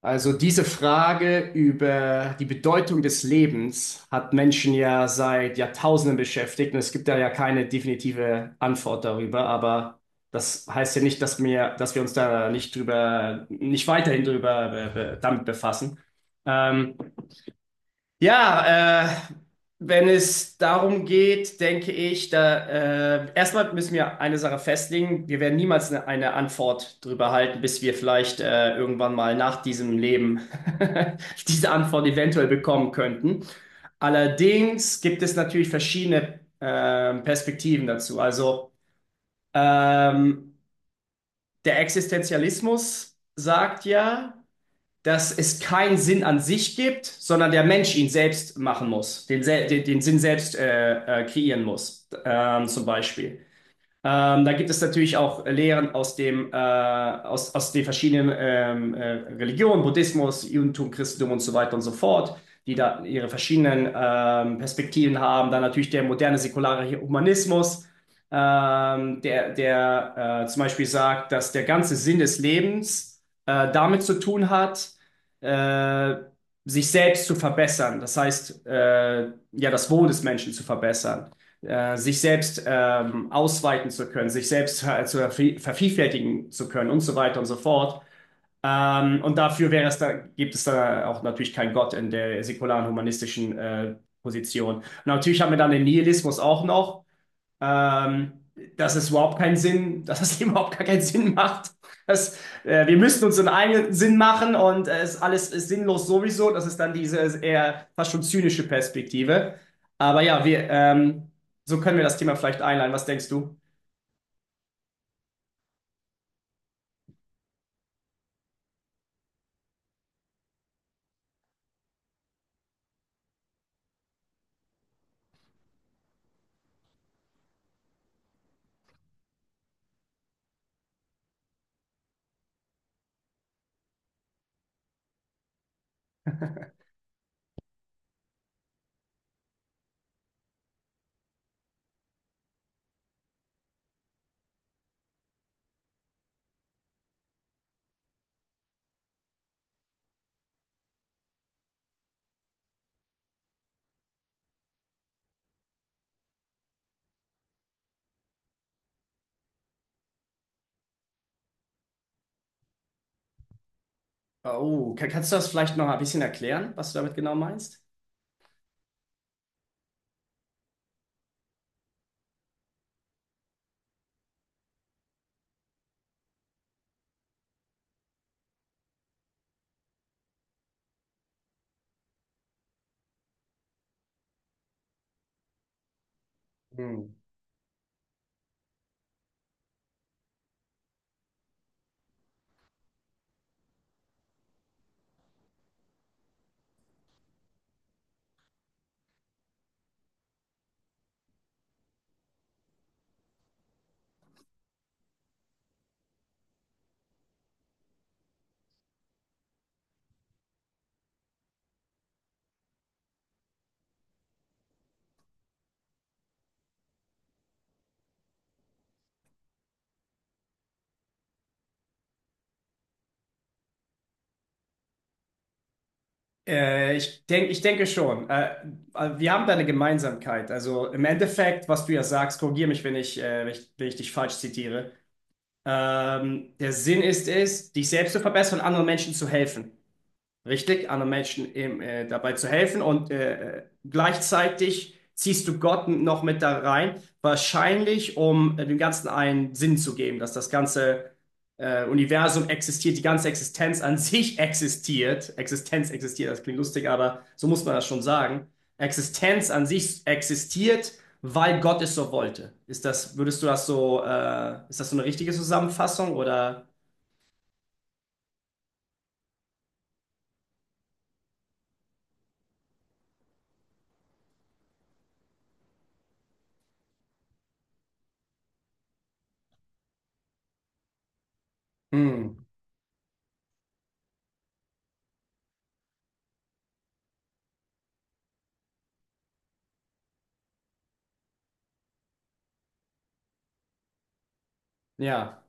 Also diese Frage über die Bedeutung des Lebens hat Menschen ja seit Jahrtausenden beschäftigt und es gibt da ja keine definitive Antwort darüber, aber das heißt ja nicht, dass wir uns da nicht drüber, nicht weiterhin drüber damit befassen. Ähm, ja, wenn es darum geht, denke ich, da erstmal müssen wir eine Sache festlegen. Wir werden niemals eine Antwort drüber halten, bis wir vielleicht irgendwann mal nach diesem Leben diese Antwort eventuell bekommen könnten. Allerdings gibt es natürlich verschiedene Perspektiven dazu. Also ähm, der Existenzialismus sagt ja, dass es keinen Sinn an sich gibt, sondern der Mensch ihn selbst machen muss, den Sinn selbst kreieren muss, zum Beispiel. Da gibt es natürlich auch Lehren aus aus den verschiedenen Religionen, Buddhismus, Judentum, Christentum und so weiter und so fort, die da ihre verschiedenen Perspektiven haben. Dann natürlich der moderne säkulare Humanismus, der zum Beispiel sagt, dass der ganze Sinn des Lebens damit zu tun hat, äh, sich selbst zu verbessern. Das heißt, ja, das Wohl des Menschen zu verbessern, sich selbst ausweiten zu können, sich selbst zu vervielfältigen zu können und so weiter und so fort. Und dafür wäre es da, gibt es da auch natürlich keinen Gott in der säkularen humanistischen Position. Und natürlich haben wir dann den Nihilismus auch noch, ähm, dass es überhaupt keinen Sinn, dass es überhaupt gar keinen Sinn macht. Dass, wir müssten uns so einen eigenen Sinn machen und es alles ist sinnlos sowieso. Das ist dann diese eher fast schon zynische Perspektive. Aber ja, wir, so können wir das Thema vielleicht einleiten. Was denkst du? Oh, kannst du das vielleicht noch ein bisschen erklären, was du damit genau meinst? Hm. Ich denke schon. Wir haben da eine Gemeinsamkeit. Also im Endeffekt, was du ja sagst, korrigiere mich, wenn ich dich falsch zitiere. Der Sinn ist es, dich selbst zu verbessern und anderen Menschen zu helfen. Richtig, anderen Menschen eben, dabei zu helfen und gleichzeitig ziehst du Gott noch mit da rein, wahrscheinlich um dem Ganzen einen Sinn zu geben, dass das ganze Universum existiert, die ganze Existenz an sich existiert. Existenz existiert, das klingt lustig, aber so muss man das schon sagen. Existenz an sich existiert, weil Gott es so wollte. Ist das, würdest du das so, ist das so eine richtige Zusammenfassung oder? Hm, ja.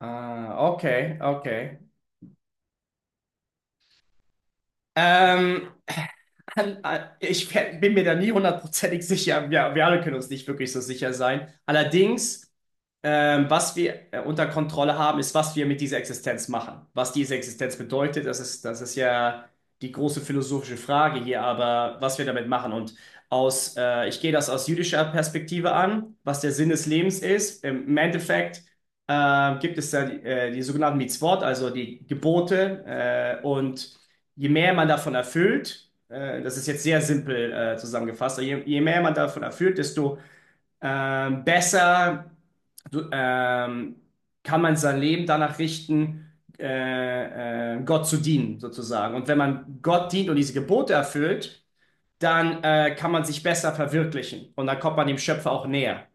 Ah, okay, okay. Ähm, bin mir da nie hundertprozentig sicher. Ja, wir alle können uns nicht wirklich so sicher sein. Allerdings. Was wir unter Kontrolle haben, ist, was wir mit dieser Existenz machen. Was diese Existenz bedeutet, das ist ja die große philosophische Frage hier, aber was wir damit machen. Und ich gehe das aus jüdischer Perspektive an, was der Sinn des Lebens ist. Im Endeffekt gibt es da die sogenannten Mitzvot, also die Gebote. Und je mehr man davon erfüllt, das ist jetzt sehr simpel zusammengefasst, aber je mehr man davon erfüllt, desto besser du, kann man sein Leben danach richten, Gott zu dienen, sozusagen. Und wenn man Gott dient und diese Gebote erfüllt, dann kann man sich besser verwirklichen und dann kommt man dem Schöpfer auch näher.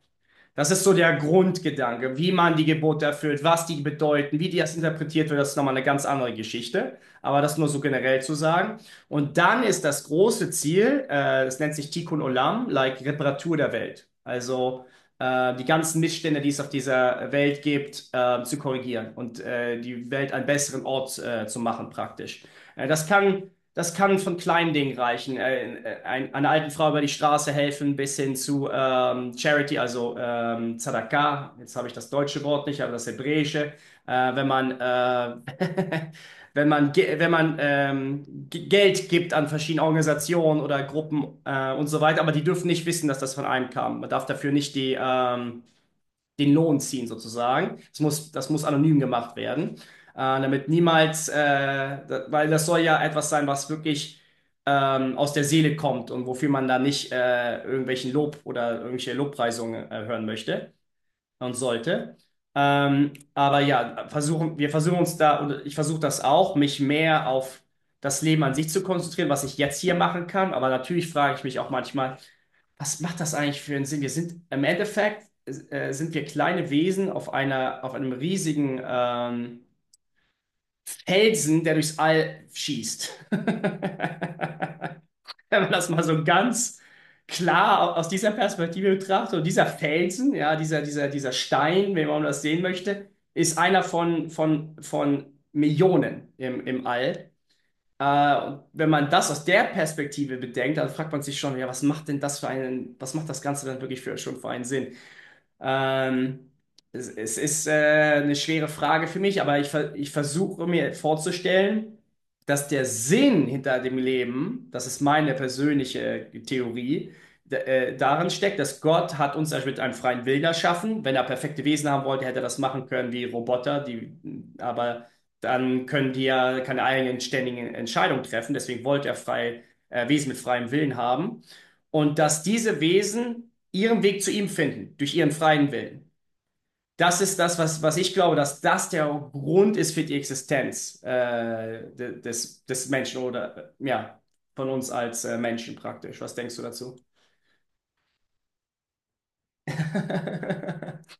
Das ist so der Grundgedanke, wie man die Gebote erfüllt, was die bedeuten, wie die das interpretiert wird, das ist nochmal eine ganz andere Geschichte. Aber das nur so generell zu sagen. Und dann ist das große Ziel, das nennt sich Tikkun Olam, like Reparatur der Welt. Also die ganzen Missstände, die es auf dieser Welt gibt, zu korrigieren und die Welt einen besseren Ort zu machen praktisch. Äh, das kann das kann von kleinen Dingen reichen. Einer alten Frau über die Straße helfen, bis hin zu Charity, also Tzedakah. Jetzt habe ich das deutsche Wort nicht, aber das hebräische. Wenn man, wenn man Geld gibt an verschiedene Organisationen oder Gruppen und so weiter, aber die dürfen nicht wissen, dass das von einem kam. Man darf dafür nicht die, den Lohn ziehen sozusagen. Das muss anonym gemacht werden, damit niemals, weil das soll ja etwas sein, was wirklich aus der Seele kommt und wofür man da nicht irgendwelchen Lob oder irgendwelche Lobpreisungen hören möchte und sollte. Aber ja, wir versuchen uns da, und ich versuche das auch, mich mehr auf das Leben an sich zu konzentrieren, was ich jetzt hier machen kann. Aber natürlich frage ich mich auch manchmal, was macht das eigentlich für einen Sinn? Wir sind im Endeffekt sind wir kleine Wesen auf einem riesigen Felsen, der durchs All schießt. wenn man das mal so ganz klar aus dieser Perspektive betrachtet. Und dieser Felsen, ja, dieser Stein, wenn man das sehen möchte, ist einer von Millionen im All. Und wenn man das aus der Perspektive bedenkt, dann fragt man sich schon, ja, was macht das Ganze dann wirklich für schon für einen Sinn? Ähm, es ist eine schwere Frage für mich, aber ich versuche mir vorzustellen, dass der Sinn hinter dem Leben, das ist meine persönliche Theorie, darin steckt, dass Gott hat uns ja mit einem freien Willen erschaffen. Wenn er perfekte Wesen haben wollte, hätte er das machen können wie Roboter, die, aber dann können die ja keine eigenen ständigen Entscheidungen treffen. Deswegen wollte er Wesen mit freiem Willen haben. Und dass diese Wesen ihren Weg zu ihm finden, durch ihren freien Willen. Das ist das, was ich glaube, dass das der Grund ist für die Existenz des Menschen oder ja, von uns als Menschen praktisch. Was denkst du dazu?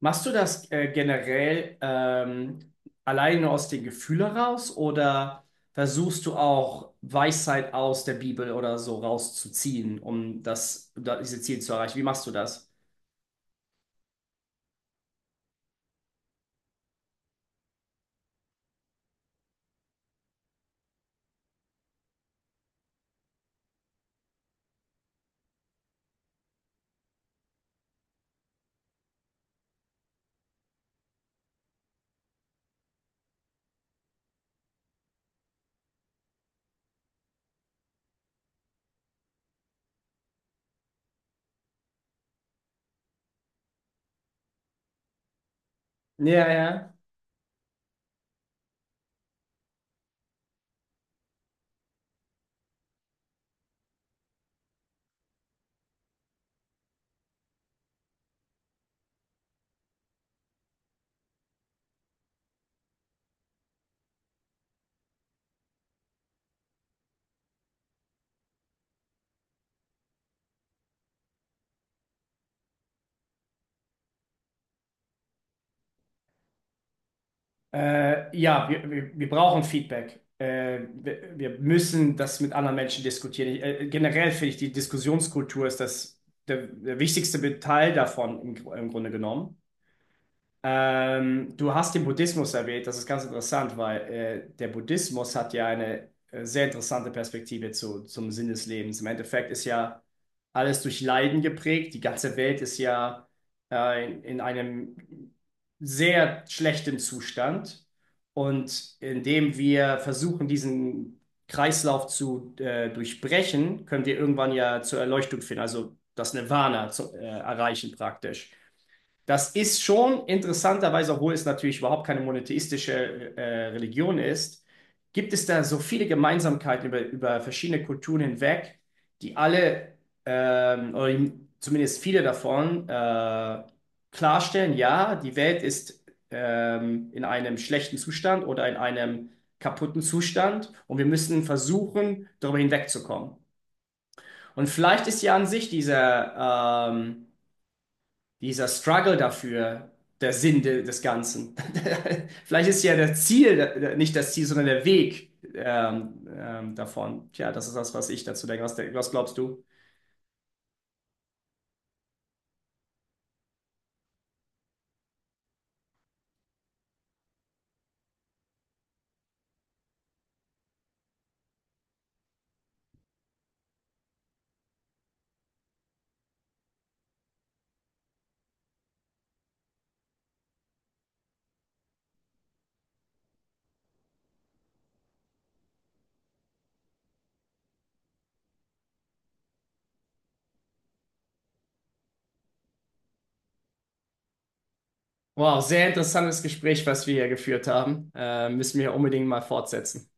Machst du das generell allein nur aus den Gefühlen raus oder versuchst du auch Weisheit aus der Bibel oder so rauszuziehen, um das, diese Ziele zu erreichen? Wie machst du das? Ja, ja. Ja, wir brauchen Feedback. Wir müssen das mit anderen Menschen diskutieren. Generell finde ich, die Diskussionskultur ist das, der wichtigste Teil davon im Grunde genommen. Du hast den Buddhismus erwähnt, das ist ganz interessant, weil der Buddhismus hat ja eine sehr interessante Perspektive zum Sinn des Lebens. Im Endeffekt ist ja alles durch Leiden geprägt, die ganze Welt ist ja in einem sehr schlechten Zustand und indem wir versuchen, diesen Kreislauf zu durchbrechen, können wir irgendwann ja zur Erleuchtung finden, also das Nirvana zu, erreichen praktisch. Das ist schon interessanterweise, obwohl es natürlich überhaupt keine monotheistische Religion ist, gibt es da so viele Gemeinsamkeiten über verschiedene Kulturen hinweg, die alle, oder zumindest viele davon, klarstellen, ja, die Welt ist in einem schlechten Zustand oder in einem kaputten Zustand und wir müssen versuchen, darüber hinwegzukommen. Und vielleicht ist ja an sich dieser... dieser Struggle dafür der Sinn des Ganzen. Vielleicht ist ja das Ziel, nicht das Ziel, sondern der Weg davon. Tja, das ist das, was ich dazu denke. Was glaubst du? Wow, sehr interessantes Gespräch, was wir hier geführt haben. Müssen wir unbedingt mal fortsetzen.